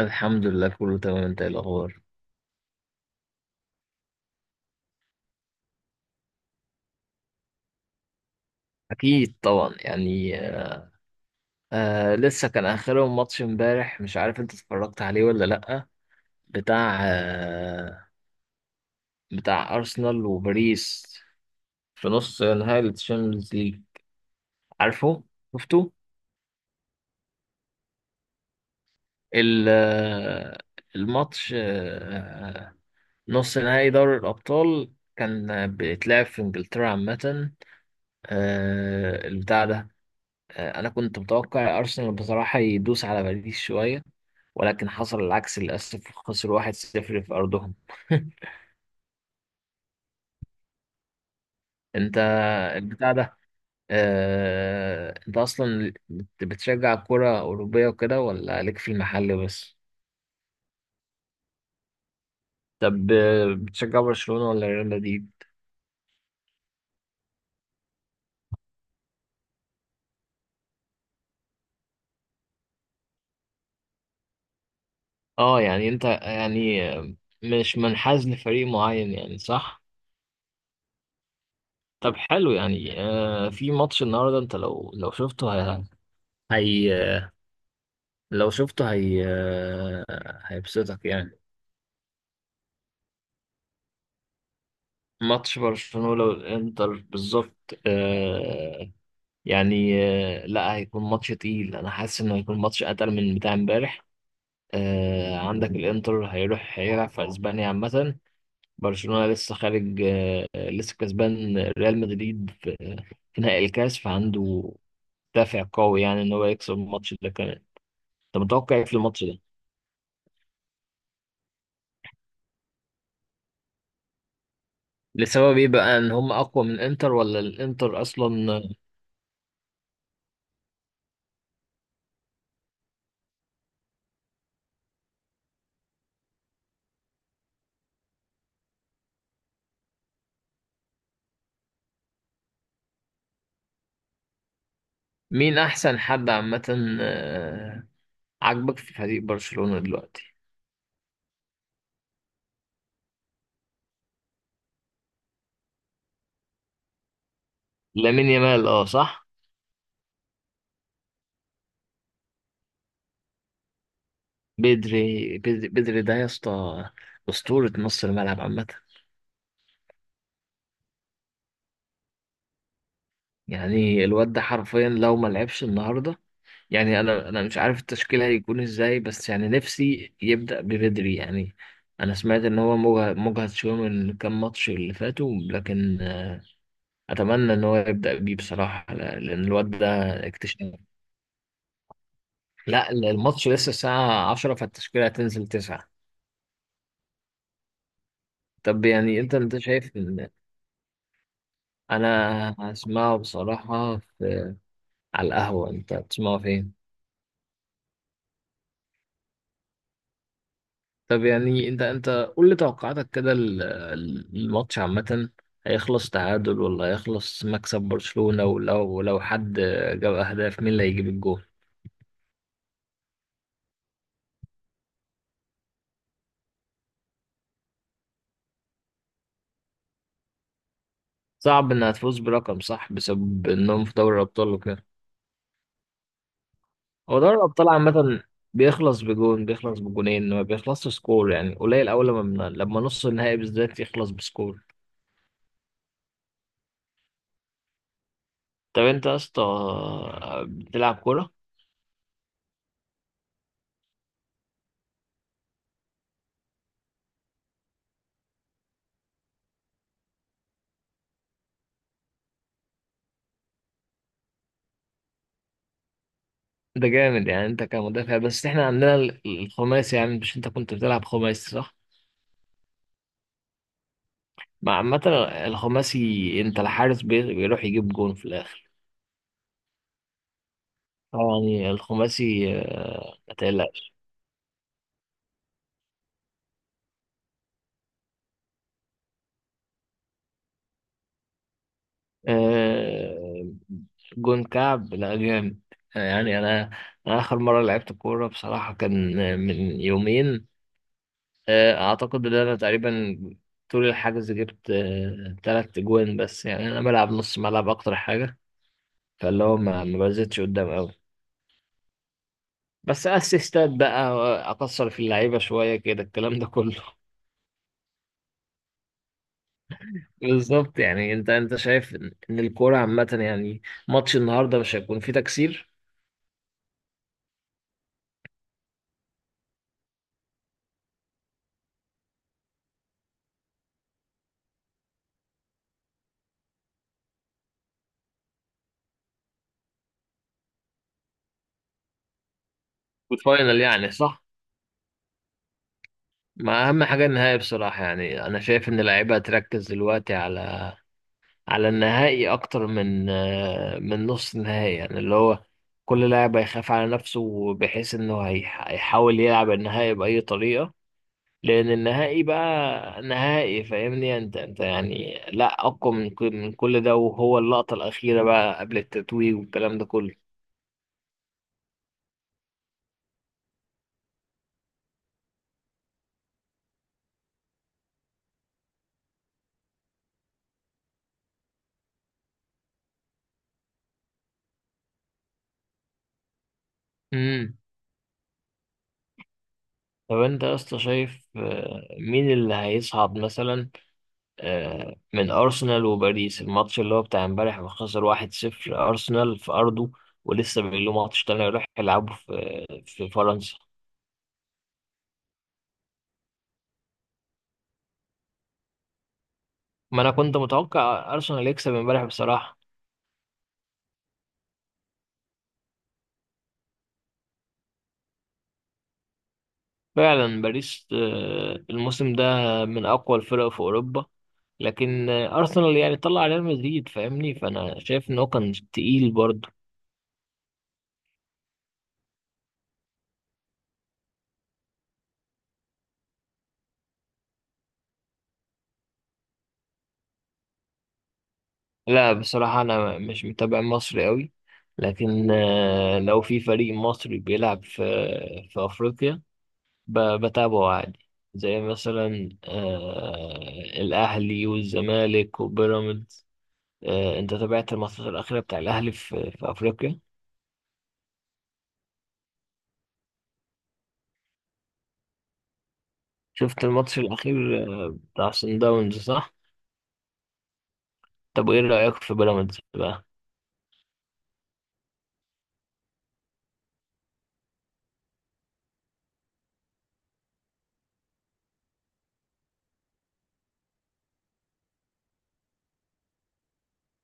الحمد لله، كله تمام. انت ايه الاخبار؟ اكيد طبعا، يعني. لسه كان اخرهم ماتش امبارح، مش عارف انت اتفرجت عليه ولا لا. بتاع آه بتاع ارسنال وباريس، في نص نهائي الشامبيونز ليج. عارفه؟ شفته؟ ال- آه، الماتش، نص نهائي دوري الابطال كان بيتلعب في انجلترا عامة. البتاع ده، انا كنت متوقع ارسنال بصراحة يدوس على باريس شوية، ولكن حصل العكس للأسف. خسروا 1-0 في أرضهم. أنت البتاع ده آه... أنت أصلا بتشجع كرة أوروبية وكده، ولا ليك في المحل بس؟ طب بتشجع برشلونة ولا ريال مدريد؟ اه، يعني انت يعني مش منحاز لفريق معين، يعني صح؟ طب حلو. يعني في ماتش النهارده انت هي لو شفته هي، هيبسطك يعني؟ ماتش برشلونة والإنتر بالظبط. يعني لا، هيكون ماتش تقيل، أنا حاسس إنه هيكون ماتش أتقل من بتاع إمبارح. عندك الإنتر هيروح هيلعب في أسبانيا عامة، برشلونة لسه خارج، لسه كسبان ريال مدريد في في نهائي الكاس، فعنده دافع قوي يعني إن هو يكسب الماتش ده كمان. أنت متوقع إيه في الماتش ده؟ لسبب إيه بقى، إن هم أقوى من الإنتر ولا الإنتر أصلا؟ مين أحسن حد عامة عاجبك في فريق برشلونة دلوقتي؟ لامين يامال، اه صح. بدري ده يا اسطى، أسطورة نص الملعب عامة. يعني الواد ده حرفيا لو ما لعبش النهاردة، يعني انا مش عارف التشكيل هيكون ازاي، بس يعني نفسي يبدأ ببدري يعني. انا سمعت ان هو مجهد شوية من كام ماتش اللي فاتوا، لكن اتمنى ان هو يبدأ بيه بصراحة، لان الواد ده اكتشاف. لا الماتش لسه الساعة 10، فالتشكيلة هتنزل 9. طب يعني انت شايف. انا هسمعه بصراحة في، على القهوة. انت هتسمعه فين؟ طب يعني انت قول لي توقعاتك كده. الماتش عامة هيخلص تعادل ولا هيخلص مكسب برشلونة، ولو حد جاب اهداف، مين اللي هيجيب الجول؟ صعب انها تفوز برقم، صح؟ بسبب انهم في دوري الابطال وكده. هو دوري الابطال عامة بيخلص بجون، بيخلص بجونين، ما بيخلصش سكور يعني قليل، اول لما لما نص النهائي بالذات يخلص بسكور. طب انت يا اسطى بتلعب كورة؟ ده جامد. يعني انت كمدافع، بس احنا عندنا الخماسي يعني. مش انت كنت بتلعب خماسي صح؟ مع عامة الخماسي انت الحارس بيروح يجيب جون في الاخر. يعني الخماسي، ما تقلقش. آه، جون كعب لا جامد. يعني انا، اخر مرة لعبت كورة بصراحة كان من يومين. اعتقد ان انا تقريبا طول الحجز جبت تلات جوان بس، يعني انا بلعب نص ملعب اكتر حاجة، فاللي هو ما بزيدش قدام قوي، بس اسيستات بقى. اقصر في اللعيبه شويه كده الكلام ده كله. بالظبط. يعني انت شايف ان إن الكوره عامه، يعني ماتش النهارده مش هيكون فيه تكسير والفاينل يعني، صح؟ ما اهم حاجه النهائي بصراحه. يعني انا شايف ان اللعيبه هتركز دلوقتي على على النهائي اكتر من نص النهائي، يعني اللي هو كل لاعب هيخاف على نفسه بحيث انه هيحاول يلعب النهائي باي طريقه، لان النهائي بقى نهائي. فاهمني انت؟ انت يعني لا، اقوى من كل ده، وهو اللقطه الاخيره بقى قبل التتويج والكلام ده كله. امم. طب انت يا اسطى شايف مين اللي هيصعد مثلا من ارسنال وباريس؟ الماتش اللي هو بتاع امبارح ما خسر 1-0، ارسنال في ارضه، ولسه بيقول له ماتش تاني يروح يلعبه في فرنسا. ما انا كنت متوقع ارسنال يكسب امبارح بصراحه. فعلا باريس، الموسم ده من أقوى الفرق في أوروبا. لكن أرسنال يعني طلع ريال مدريد فاهمني، فأنا شايف إن هو كان تقيل برضه. لا بصراحة أنا مش متابع مصري أوي، لكن لو في فريق مصري بيلعب في أفريقيا، ب- بتابعه عادي، زي مثلا الأهلي والزمالك وبيراميدز. أنت تابعت الماتشات الأخيرة بتاع الأهلي في أفريقيا؟ شفت الماتش الأخير بتاع صن داونز، صح؟ طب وايه رأيك في بيراميدز بقى؟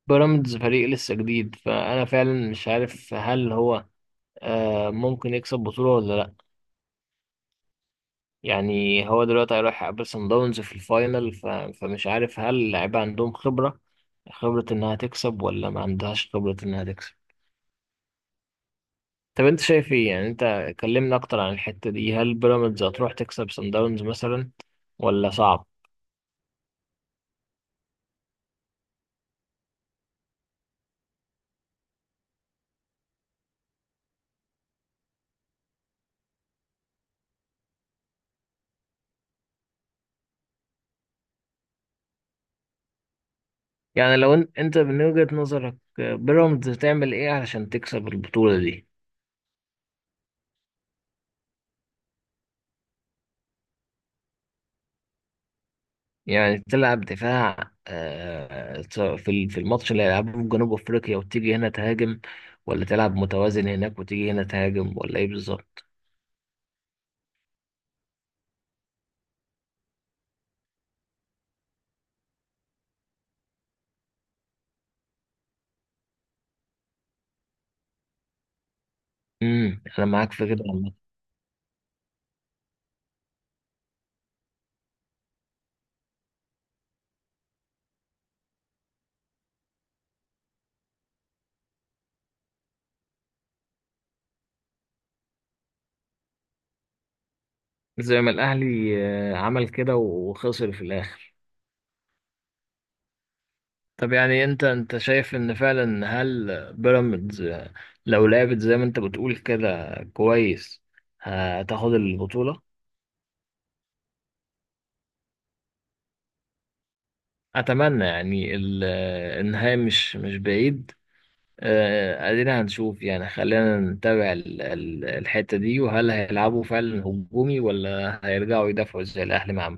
بيراميدز فريق لسه جديد، فأنا فعلا مش عارف هل هو آه ممكن يكسب بطولة ولا لأ. يعني هو دلوقتي هيروح يقابل صن داونز في الفاينل، فمش عارف هل اللعيبة عندهم خبرة، خبرة إنها تكسب، ولا ما عندهاش خبرة إنها تكسب. طب أنت شايف إيه؟ يعني أنت كلمنا أكتر عن الحتة دي. هل بيراميدز هتروح تكسب صن داونز مثلا، ولا صعب؟ يعني لو أنت من وجهة نظرك، بيراميدز تعمل إيه علشان تكسب البطولة دي؟ يعني تلعب دفاع في الماتش اللي هيلعبه في جنوب افريقيا وتيجي هنا تهاجم، ولا تلعب متوازن هناك وتيجي هنا تهاجم، ولا ايه بالظبط؟ امم. انا معاك في كده والله. زي ما الاهلي عمل كده وخسر في الاخر. طب يعني انت شايف ان فعلا، هل بيراميدز، لو لعبت زي ما انت بتقول كده كويس، هتاخد البطولة؟ اتمنى يعني. النهاية مش بعيد. ادينا هنشوف يعني. خلينا نتابع الحتة دي، وهل هيلعبوا فعلا هجومي ولا هيرجعوا يدافعوا زي الاهلي مع